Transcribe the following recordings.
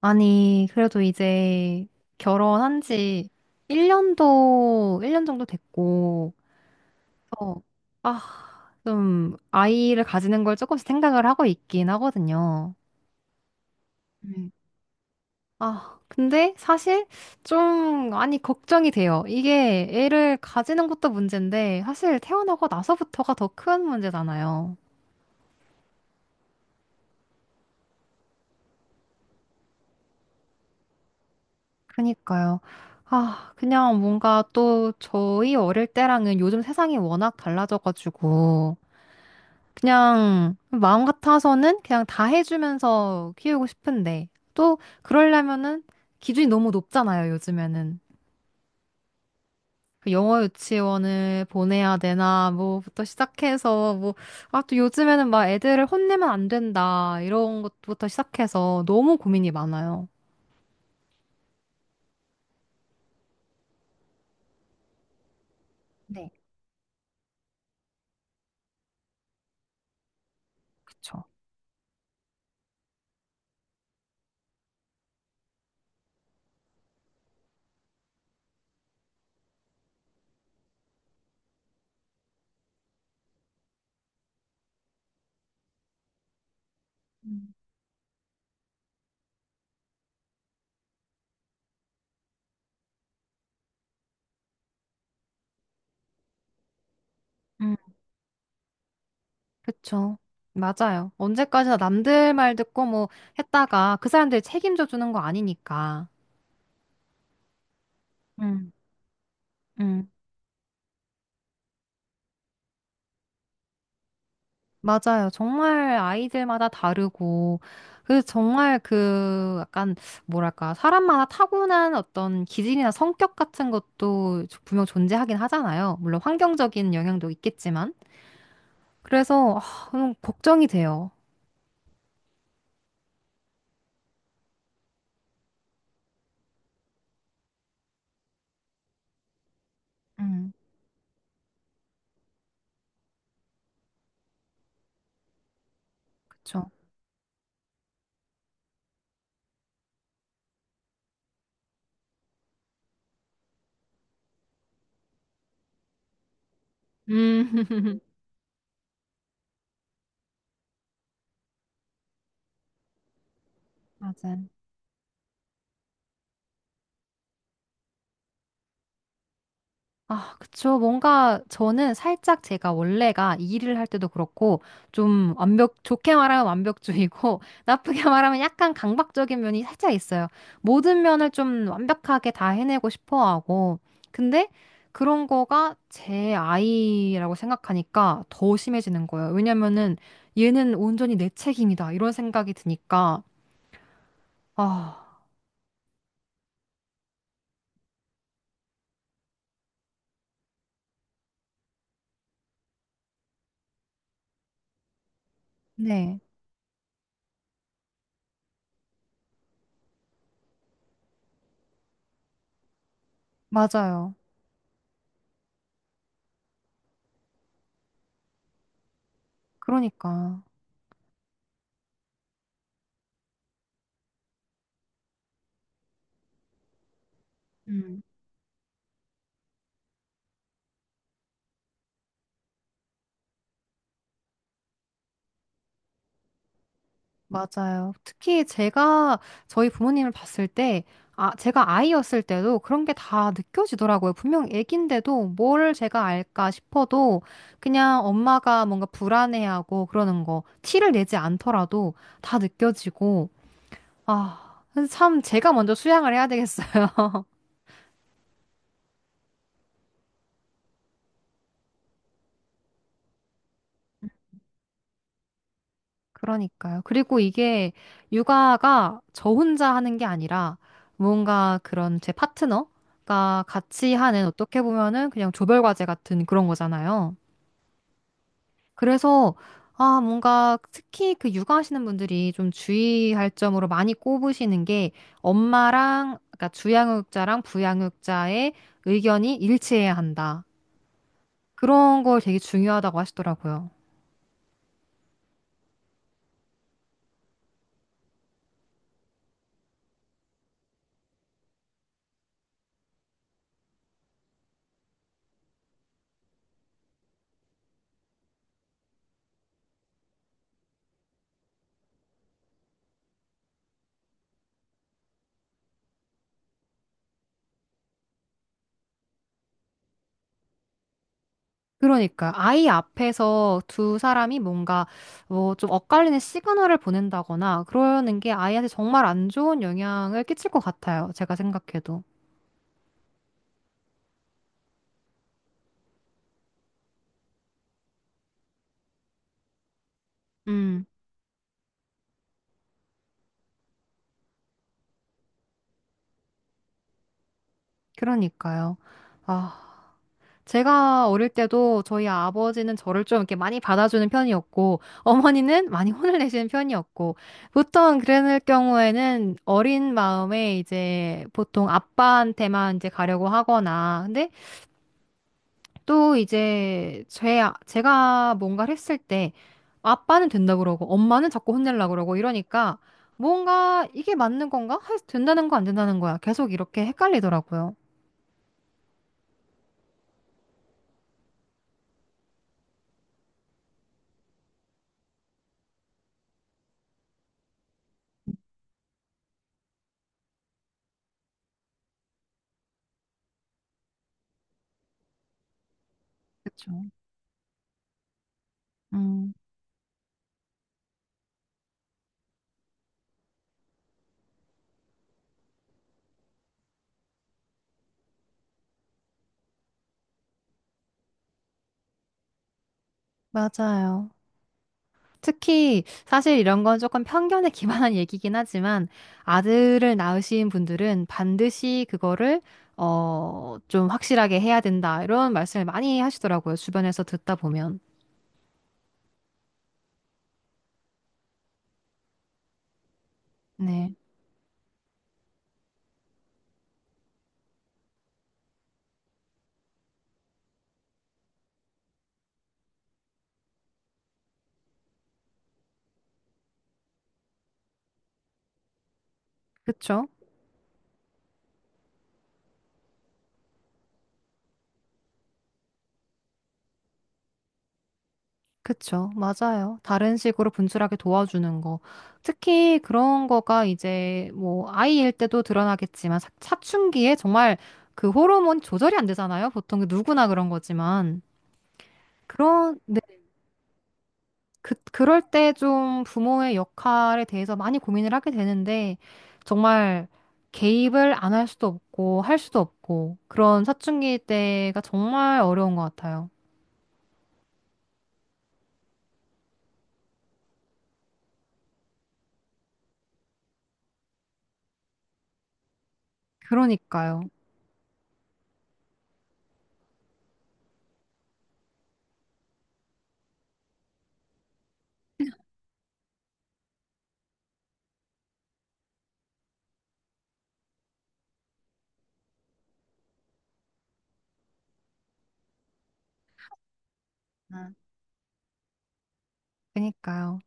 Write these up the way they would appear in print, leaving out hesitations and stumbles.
아니, 그래도 이제 결혼한 지 1년도, 1년 정도 됐고, 어, 아, 좀 아이를 가지는 걸 조금씩 생각을 하고 있긴 하거든요. 음. 아, 근데 사실 좀, 아니, 걱정이 돼요. 이게 애를 가지는 것도 문제인데, 사실 태어나고 나서부터가 더 큰 문제잖아요. 그니까요. 아, 그냥 뭔가 또 저희 어릴 때랑은 요즘 세상이 워낙 달라져가지고, 그냥 마음 같아서는 그냥 다 해주면서 키우고 싶은데 또 그러려면은 기준이 너무 높잖아요, 요즘에는. 그 영어 유치원을 보내야 되나 뭐부터 시작해서 뭐 아 또 요즘에는 막 애들을 혼내면 안 된다 이런 것부터 시작해서 너무 고민이 많아요. 네, 그쵸. 음, 그쵸. 맞아요. 언제까지나 남들 말 듣고 뭐 했다가 그 사람들이 책임져 주는 거 아니니까. 음. 음. 맞아요. 정말 아이들마다 다르고, 그 정말 그 약간 뭐랄까, 사람마다 타고난 어떤 기질이나 성격 같은 것도 분명 존재하긴 하잖아요. 물론 환경적인 영향도 있겠지만. 그래서, 아, 너무 걱정이 돼요. 음, 그쵸. 음. 맞아요. 아, 그쵸. 뭔가 저는 살짝 제가 원래가 일을 할 때도 그렇고 좀 완벽, 좋게 말하면 완벽주의고 나쁘게 말하면 약간 강박적인 면이 살짝 있어요. 모든 면을 좀 완벽하게 다 해내고 싶어 하고. 근데 그런 거가 제 아이라고 생각하니까 더 심해지는 거예요. 왜냐면은 얘는 온전히 내 책임이다. 이런 생각이 드니까. 아, 네. 맞아요. 그러니까. 음. 맞아요. 특히 제가 저희 부모님을 봤을 때, 아, 제가 아이였을 때도 그런 게 다 느껴지더라고요. 분명 애긴데도 뭘 제가 알까 싶어도 그냥 엄마가 뭔가 불안해하고 그러는 거, 티를 내지 않더라도 다 느껴지고, 아, 그래서 참 제가 먼저 수양을 해야 되겠어요. 그러니까요. 그리고 이게 육아가 저 혼자 하는 게 아니라 뭔가 그런 제 파트너가 같이 하는 어떻게 보면은 그냥 조별 과제 같은 그런 거잖아요. 그래서 아, 뭔가 특히 그 육아하시는 분들이 좀 주의할 점으로 많이 꼽으시는 게 엄마랑 그러니까 주양육자랑 부양육자의 의견이 일치해야 한다. 그런 걸 되게 중요하다고 하시더라고요. 그러니까 아이 앞에서 두 사람이 뭔가 뭐 좀 엇갈리는 시그널을 보낸다거나 그러는 게 아이한테 정말 안 좋은 영향을 끼칠 것 같아요. 제가 생각해도. 음, 그러니까요. 아, 제가 어릴 때도 저희 아버지는 저를 좀 이렇게 많이 받아주는 편이었고 어머니는 많이 혼을 내시는 편이었고 보통 그랬을 경우에는 어린 마음에 이제 보통 아빠한테만 이제 가려고 하거나 근데 또 이제 제가 뭔가를 했을 때 아빠는 된다 그러고 엄마는 자꾸 혼내려고 그러고 이러니까 뭔가 이게 맞는 건가? 된다는 거 안 된다는 거야. 계속 이렇게 헷갈리더라고요. 그쵸. 음, 맞아요. 특히 사실 이런 건 조금 편견에 기반한 얘기긴 하지만 아들을 낳으신 분들은 반드시 그거를 좀 확실하게 해야 된다. 이런 말씀을 많이 하시더라고요. 주변에서 듣다 보면. 네. 그쵸? 그쵸, 맞아요. 다른 식으로 분출하게 도와주는 거. 특히 그런 거가 이제 뭐 아이일 때도 드러나겠지만 사춘기에 정말 그 호르몬 조절이 안 되잖아요. 보통 그 누구나 그런 거지만. 그런, 네, 그럴 때 좀 부모의 역할에 대해서 많이 고민을 하게 되는데 정말 개입을 안 할 수도 없고 할 수도 없고 그런 사춘기 때가 정말 어려운 것 같아요. 그러니까요. 음. 그러니까요.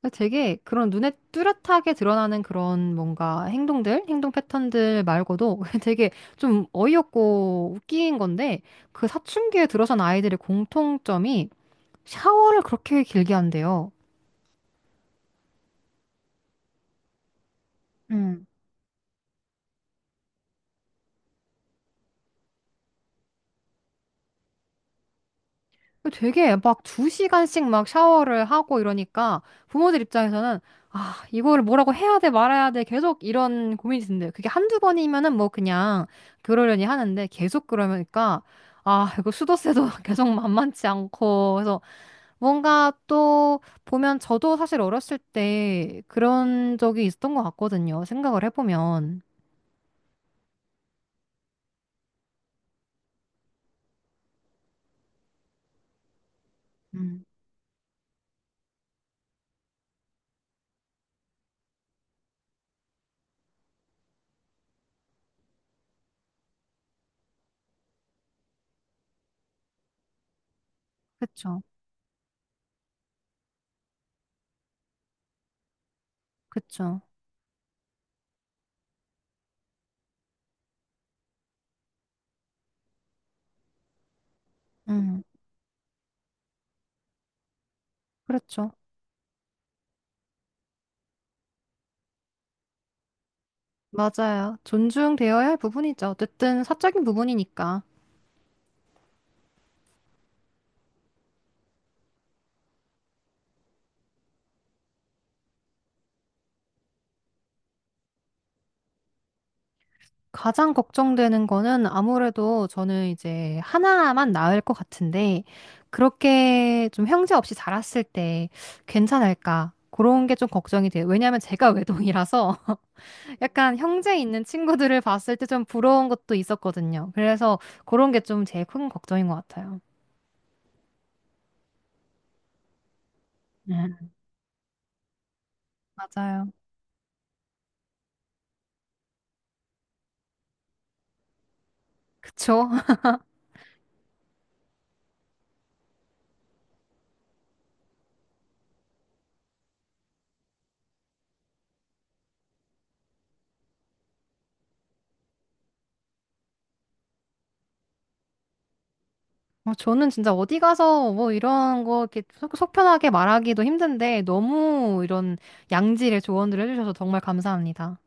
근데 되게 그런 눈에 뚜렷하게 드러나는 그런 뭔가 행동들, 행동 패턴들 말고도 되게 좀 어이없고 웃긴 건데 그 사춘기에 들어선 아이들의 공통점이 샤워를 그렇게 길게 한대요. 되게 막 2시간씩 막 샤워를 하고 이러니까 부모들 입장에서는 아, 이거를 뭐라고 해야 돼, 말아야 돼, 계속 이런 고민이 드는데 그게 한두 번이면은 뭐 그냥 그러려니 하는데 계속 그러니까 아, 이거 수도세도 계속 만만치 않고 그래서 뭔가 또 보면 저도 사실 어렸을 때 그런 적이 있었던 것 같거든요. 생각을 해보면. 음, 그쵸, 그쵸. 음, 그렇죠. 맞아요. 존중되어야 할 부분이죠. 어쨌든 사적인 부분이니까. 가장 걱정되는 거는 아무래도 저는 이제 하나만 낳을 것 같은데, 그렇게 좀 형제 없이 자랐을 때 괜찮을까? 그런 게 좀 걱정이 돼요. 왜냐하면 제가 외동이라서 약간 형제 있는 친구들을 봤을 때 좀 부러운 것도 있었거든요. 그래서 그런 게 좀 제일 큰 걱정인 것 같아요. 네. 맞아요. 그쵸? 저는 진짜 어디 가서 뭐 이런 거 이렇게 속 편하게 말하기도 힘든데 너무 이런 양질의 조언들을 해주셔서 정말 감사합니다.